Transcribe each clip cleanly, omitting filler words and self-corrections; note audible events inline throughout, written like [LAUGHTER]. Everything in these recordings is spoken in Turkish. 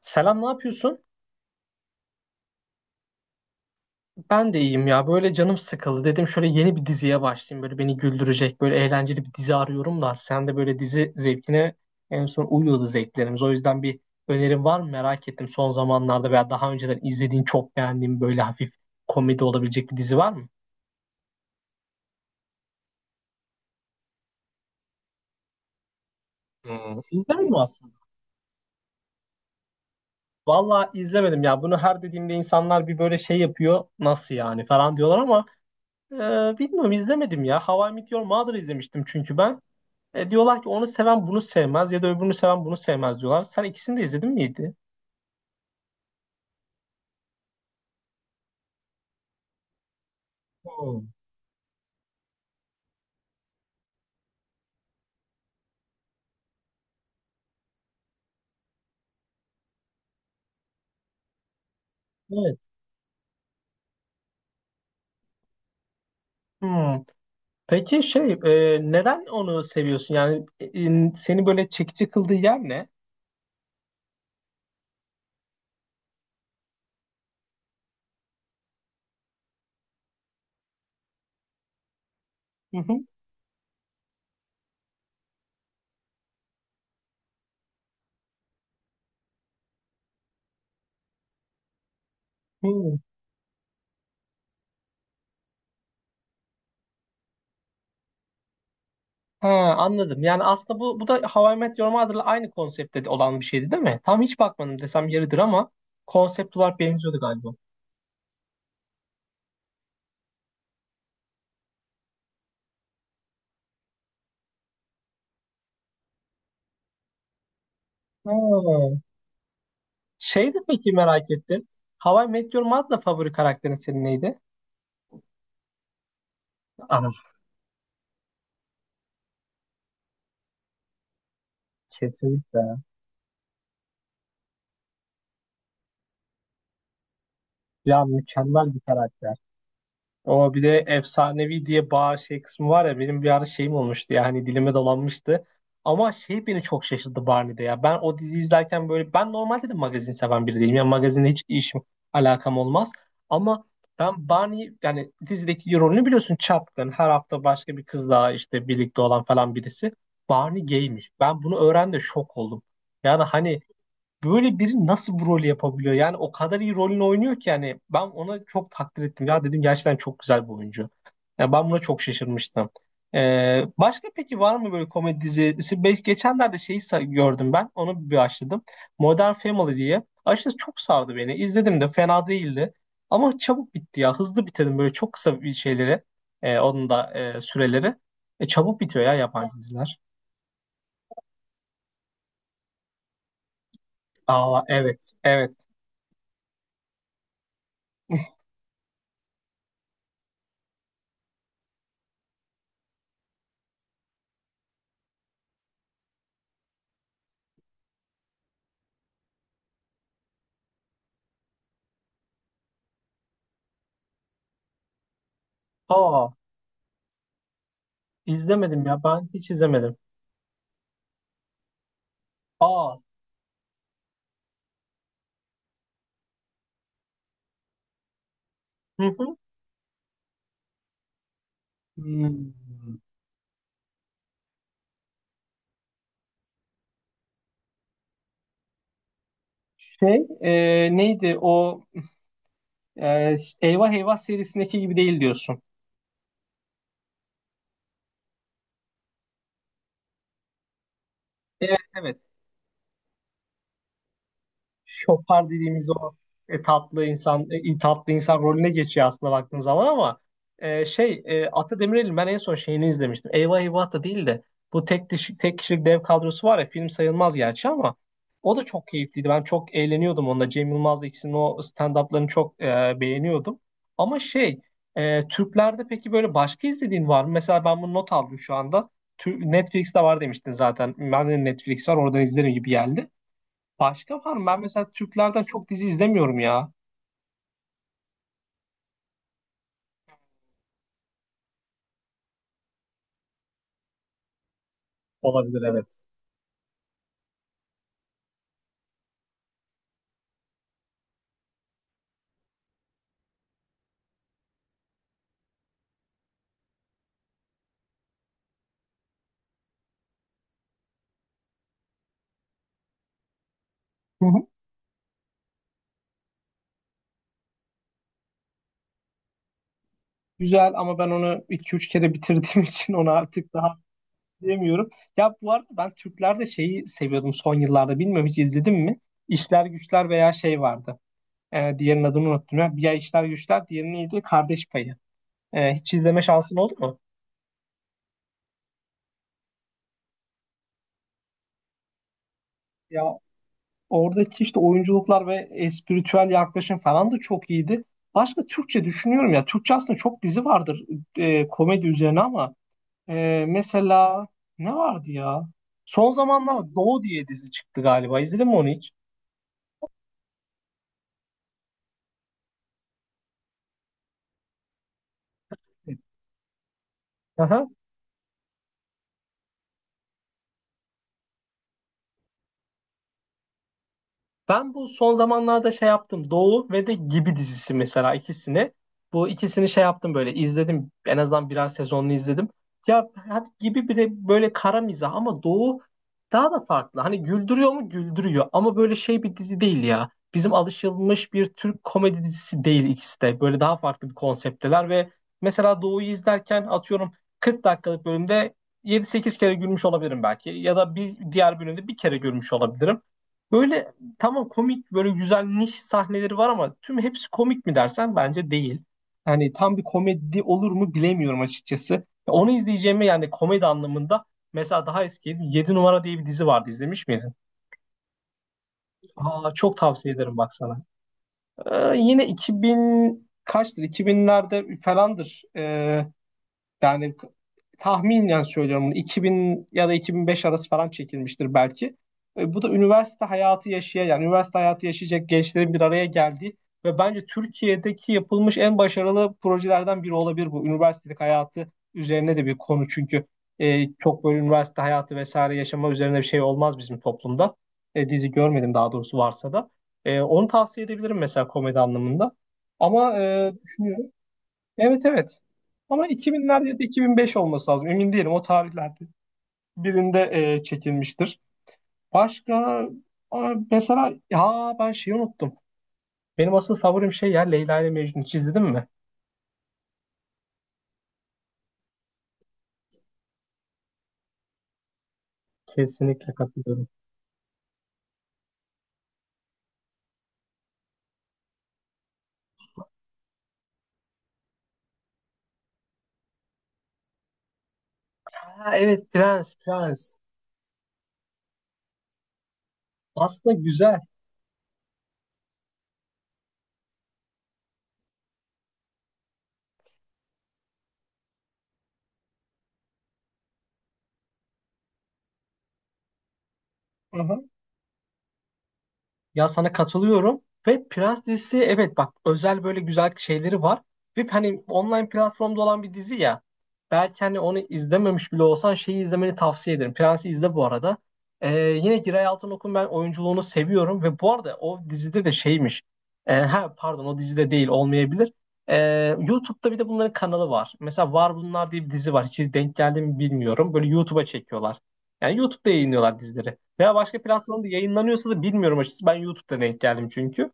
Selam, ne yapıyorsun? Ben de iyiyim ya. Böyle canım sıkıldı. Dedim şöyle yeni bir diziye başlayayım. Böyle beni güldürecek, böyle eğlenceli bir dizi arıyorum da. Sen de böyle dizi zevkine en son uyuyordu zevklerimiz. O yüzden bir önerin var mı merak ettim. Son zamanlarda veya daha önceden izlediğin, çok beğendiğin böyle hafif komedi olabilecek bir dizi var mı? Hmm. İzlemedim aslında. Vallahi izlemedim ya. Bunu her dediğimde insanlar bir böyle şey yapıyor. Nasıl yani falan diyorlar ama bilmiyorum izlemedim ya. How I Met Your Mother izlemiştim çünkü ben. Diyorlar ki onu seven bunu sevmez ya da öbürünü seven bunu sevmez diyorlar. Sen ikisini de izledin miydi? Hmm. Evet. Hmm. Peki şey neden onu seviyorsun? Yani seni böyle çekici kıldığı yer ne? Hı hı. Hmm. Ha, anladım. Yani aslında bu da How I Met Your Mother'la aynı konseptte de olan bir şeydi değil mi? Tam hiç bakmadım desem yeridir ama konsept olarak benziyordu galiba. Ha. Şey de peki merak ettim. How I Met Your Mother'la favori karakterin senin neydi? Anam kesinlikle. Ya mükemmel bir karakter. O bir de efsanevi diye bağır şey kısmı var ya benim bir ara şeyim olmuştu ya hani dilime dolanmıştı. Ama şey beni çok şaşırttı Barney'de ya. Ben o diziyi izlerken böyle ben normalde de magazin seven biri değilim. Yani magazinle hiç işim alakam olmaz. Ama ben Barney yani dizideki rolünü biliyorsun çapkın. Her hafta başka bir kızla işte birlikte olan falan birisi. Barney gaymiş. Ben bunu öğrendim şok oldum. Yani hani böyle biri nasıl bu rolü yapabiliyor? Yani o kadar iyi rolünü oynuyor ki yani ben ona çok takdir ettim. Ya dedim gerçekten çok güzel bir oyuncu. Ya ben buna çok şaşırmıştım. Başka peki var mı böyle komedi dizisi? Geçenlerde şeyi gördüm ben. Onu bir açtım. Modern Family diye. Açıkçası çok sardı beni. İzledim de fena değildi. Ama çabuk bitti ya. Hızlı bitirdim böyle çok kısa bir şeyleri. Onun da süreleri. Çabuk bitiyor ya yabancı diziler. Aa, evet. Evet. [LAUGHS] Aa, İzlemedim ya. Ben hiç izlemedim. Aa. Hı hı. Hmm. Şey, neydi o e, Eyvah Eyvah serisindeki gibi değil diyorsun. Evet, evet, şopar dediğimiz o tatlı insan, tatlı insan rolüne geçiyor aslında baktığın zaman ama şey, Ata Demirer'in ben en son şeyini izlemiştim. Eyvah Eyvah da değil de bu tek kişilik dev kadrosu var ya, film sayılmaz gerçi ama o da çok keyifliydi. Ben çok eğleniyordum onunla. Cem Yılmaz'la ikisinin o stand-up'larını çok beğeniyordum. Ama şey, Türklerde peki böyle başka izlediğin var mı? Mesela ben bunu not aldım şu anda. Netflix'te var demiştin zaten. Ben de Netflix var, oradan izlerim gibi geldi. Başka var mı? Ben mesela Türklerden çok dizi izlemiyorum ya. Olabilir, evet. Hı hı. Güzel ama ben onu iki üç kere bitirdiğim [LAUGHS] için onu artık daha diyemiyorum. Ya bu arada ben Türklerde şeyi seviyordum son yıllarda. Bilmiyorum, hiç izledim mi? İşler Güçler veya şey vardı. Diğerinin adını unuttum ya. Bir ya İşler Güçler, diğeri neydi? Kardeş Payı. Hiç izleme şansın oldu mu? Ya oradaki işte oyunculuklar ve espritüel yaklaşım falan da çok iyiydi. Başka Türkçe düşünüyorum ya. Türkçe aslında çok dizi vardır komedi üzerine ama. Mesela, ne vardı ya? Son zamanlarda Doğu diye dizi çıktı galiba. İzledin mi onu hiç? Aha. Ben bu son zamanlarda şey yaptım. Doğu ve de Gibi dizisi, mesela ikisini. Bu ikisini şey yaptım, böyle izledim. En azından birer sezonunu izledim. Ya hadi Gibi bile böyle kara mizah ama Doğu daha da farklı. Hani güldürüyor mu? Güldürüyor. Ama böyle şey bir dizi değil ya. Bizim alışılmış bir Türk komedi dizisi değil ikisi de. Böyle daha farklı bir konseptteler ve mesela Doğu'yu izlerken, atıyorum, 40 dakikalık bölümde yedi sekiz kere gülmüş olabilirim belki. Ya da bir diğer bölümde bir kere gülmüş olabilirim. Böyle tamam, komik, böyle güzel niş sahneleri var ama tüm hepsi komik mi dersen bence değil. Yani tam bir komedi olur mu bilemiyorum açıkçası. Ya onu izleyeceğimi, yani komedi anlamında, mesela daha eski yedi numara diye bir dizi vardı, izlemiş miydin? Aa, çok tavsiye ederim bak sana. Yine 2000 kaçtır, 2000'lerde falandır. Yani tahminen söylüyorum, bunu 2000 ya da 2005 arası falan çekilmiştir belki. Bu da üniversite hayatı yaşayan, yani üniversite hayatı yaşayacak gençlerin bir araya geldiği ve bence Türkiye'deki yapılmış en başarılı projelerden biri olabilir bu. Üniversitelik hayatı üzerine de bir konu çünkü çok böyle üniversite hayatı vesaire yaşama üzerine bir şey olmaz bizim toplumda. Dizi görmedim daha doğrusu, varsa da. Onu tavsiye edebilirim mesela komedi anlamında. Ama düşünüyorum. Evet, evet. Ama 2000'lerde ya da 2005 olması lazım. Emin değilim o tarihlerde. Birinde çekilmiştir. Başka. Aa, mesela ha, ben şeyi unuttum. Benim asıl favorim şey ya, Leyla ile Mecnun. Hiç izledin mi? Kesinlikle katılıyorum. Ha, evet, Prens, Prens. Aslında güzel. Aha. Ya sana katılıyorum ve Prens dizisi, evet bak, özel böyle güzel şeyleri var. Ve hani online platformda olan bir dizi ya. Belki hani onu izlememiş bile olsan şeyi izlemeni tavsiye ederim. Prens'i izle bu arada. Yine Giray Altınok'un ben oyunculuğunu seviyorum ve bu arada o dizide de şeymiş. Ha pardon, o dizide değil olmayabilir. YouTube'da bir de bunların kanalı var. Mesela Var Bunlar diye bir dizi var. Hiç denk geldi mi bilmiyorum. Böyle YouTube'a çekiyorlar. Yani YouTube'da yayınlıyorlar dizileri. Veya başka platformda yayınlanıyorsa da bilmiyorum açıkçası. Ben YouTube'da denk geldim çünkü.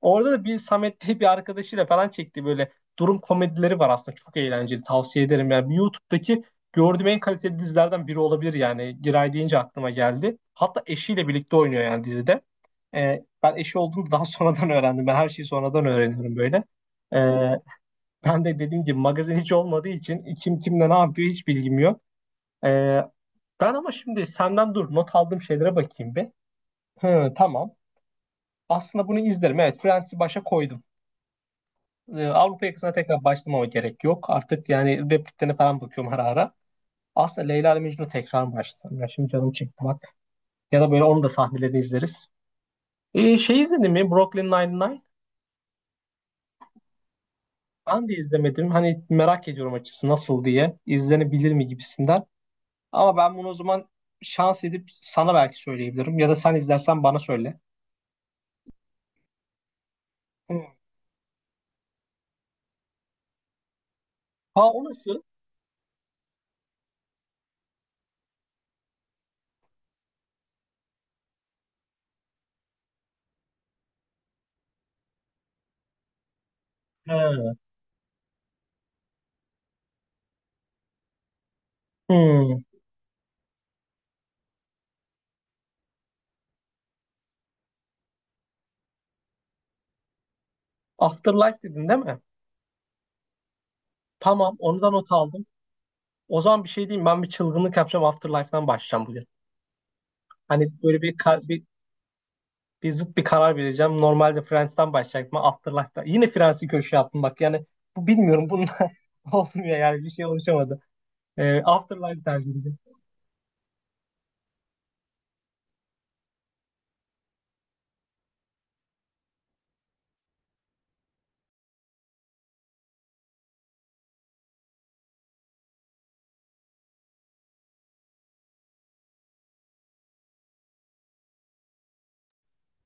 Orada da bir Samet diye bir arkadaşıyla falan çekti, böyle durum komedileri var aslında. Çok eğlenceli. Tavsiye ederim. Yani YouTube'daki gördüğüm en kaliteli dizilerden biri olabilir yani. Giray deyince aklıma geldi. Hatta eşiyle birlikte oynuyor yani dizide. Ben eşi olduğunu daha [LAUGHS] sonradan öğrendim. Ben her şeyi sonradan öğreniyorum böyle. Ee, ben de dediğim gibi magazin hiç olmadığı için kim kimle ne yapıyor hiç bilgim yok. Ee, ben ama şimdi senden dur, not aldığım şeylere bakayım bir. Hı, tamam. Aslında bunu izlerim. Evet, Friends'i başa koydum. Avrupa yakasına tekrar başlamama gerek yok. Artık yani repliklerine falan bakıyorum ara ara. Aslında Leyla ile Mecnun'u tekrar başlasam. Ya şimdi canım çekti bak. Ya da böyle onun da sahnelerini izleriz. Şey, izledin mi? Brooklyn Nine-Nine. Ben de izlemedim. Hani merak ediyorum açısı nasıl diye. İzlenebilir mi gibisinden. Ama ben bunu o zaman şans edip sana belki söyleyebilirim. Ya da sen izlersen bana söyle. Hı. Ha, o nasıl? He. Hmm. Afterlife dedin değil mi? Tamam, onu da not aldım. O zaman bir şey diyeyim. Ben bir çılgınlık yapacağım. Afterlife'dan başlayacağım bugün. Hani böyle bir zıt bir karar vereceğim. Normalde Friends'ten başlayacaktım, ama Afterlife'da. Yine Friends'i köşeye attım bak. Yani bu, bilmiyorum. Bununla [LAUGHS] olmuyor yani. Bir şey oluşamadı. Afterlife tercih edeceğim.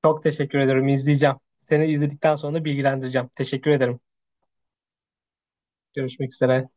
Çok teşekkür ederim, izleyeceğim. Seni izledikten sonra da bilgilendireceğim. Teşekkür ederim. Görüşmek üzere.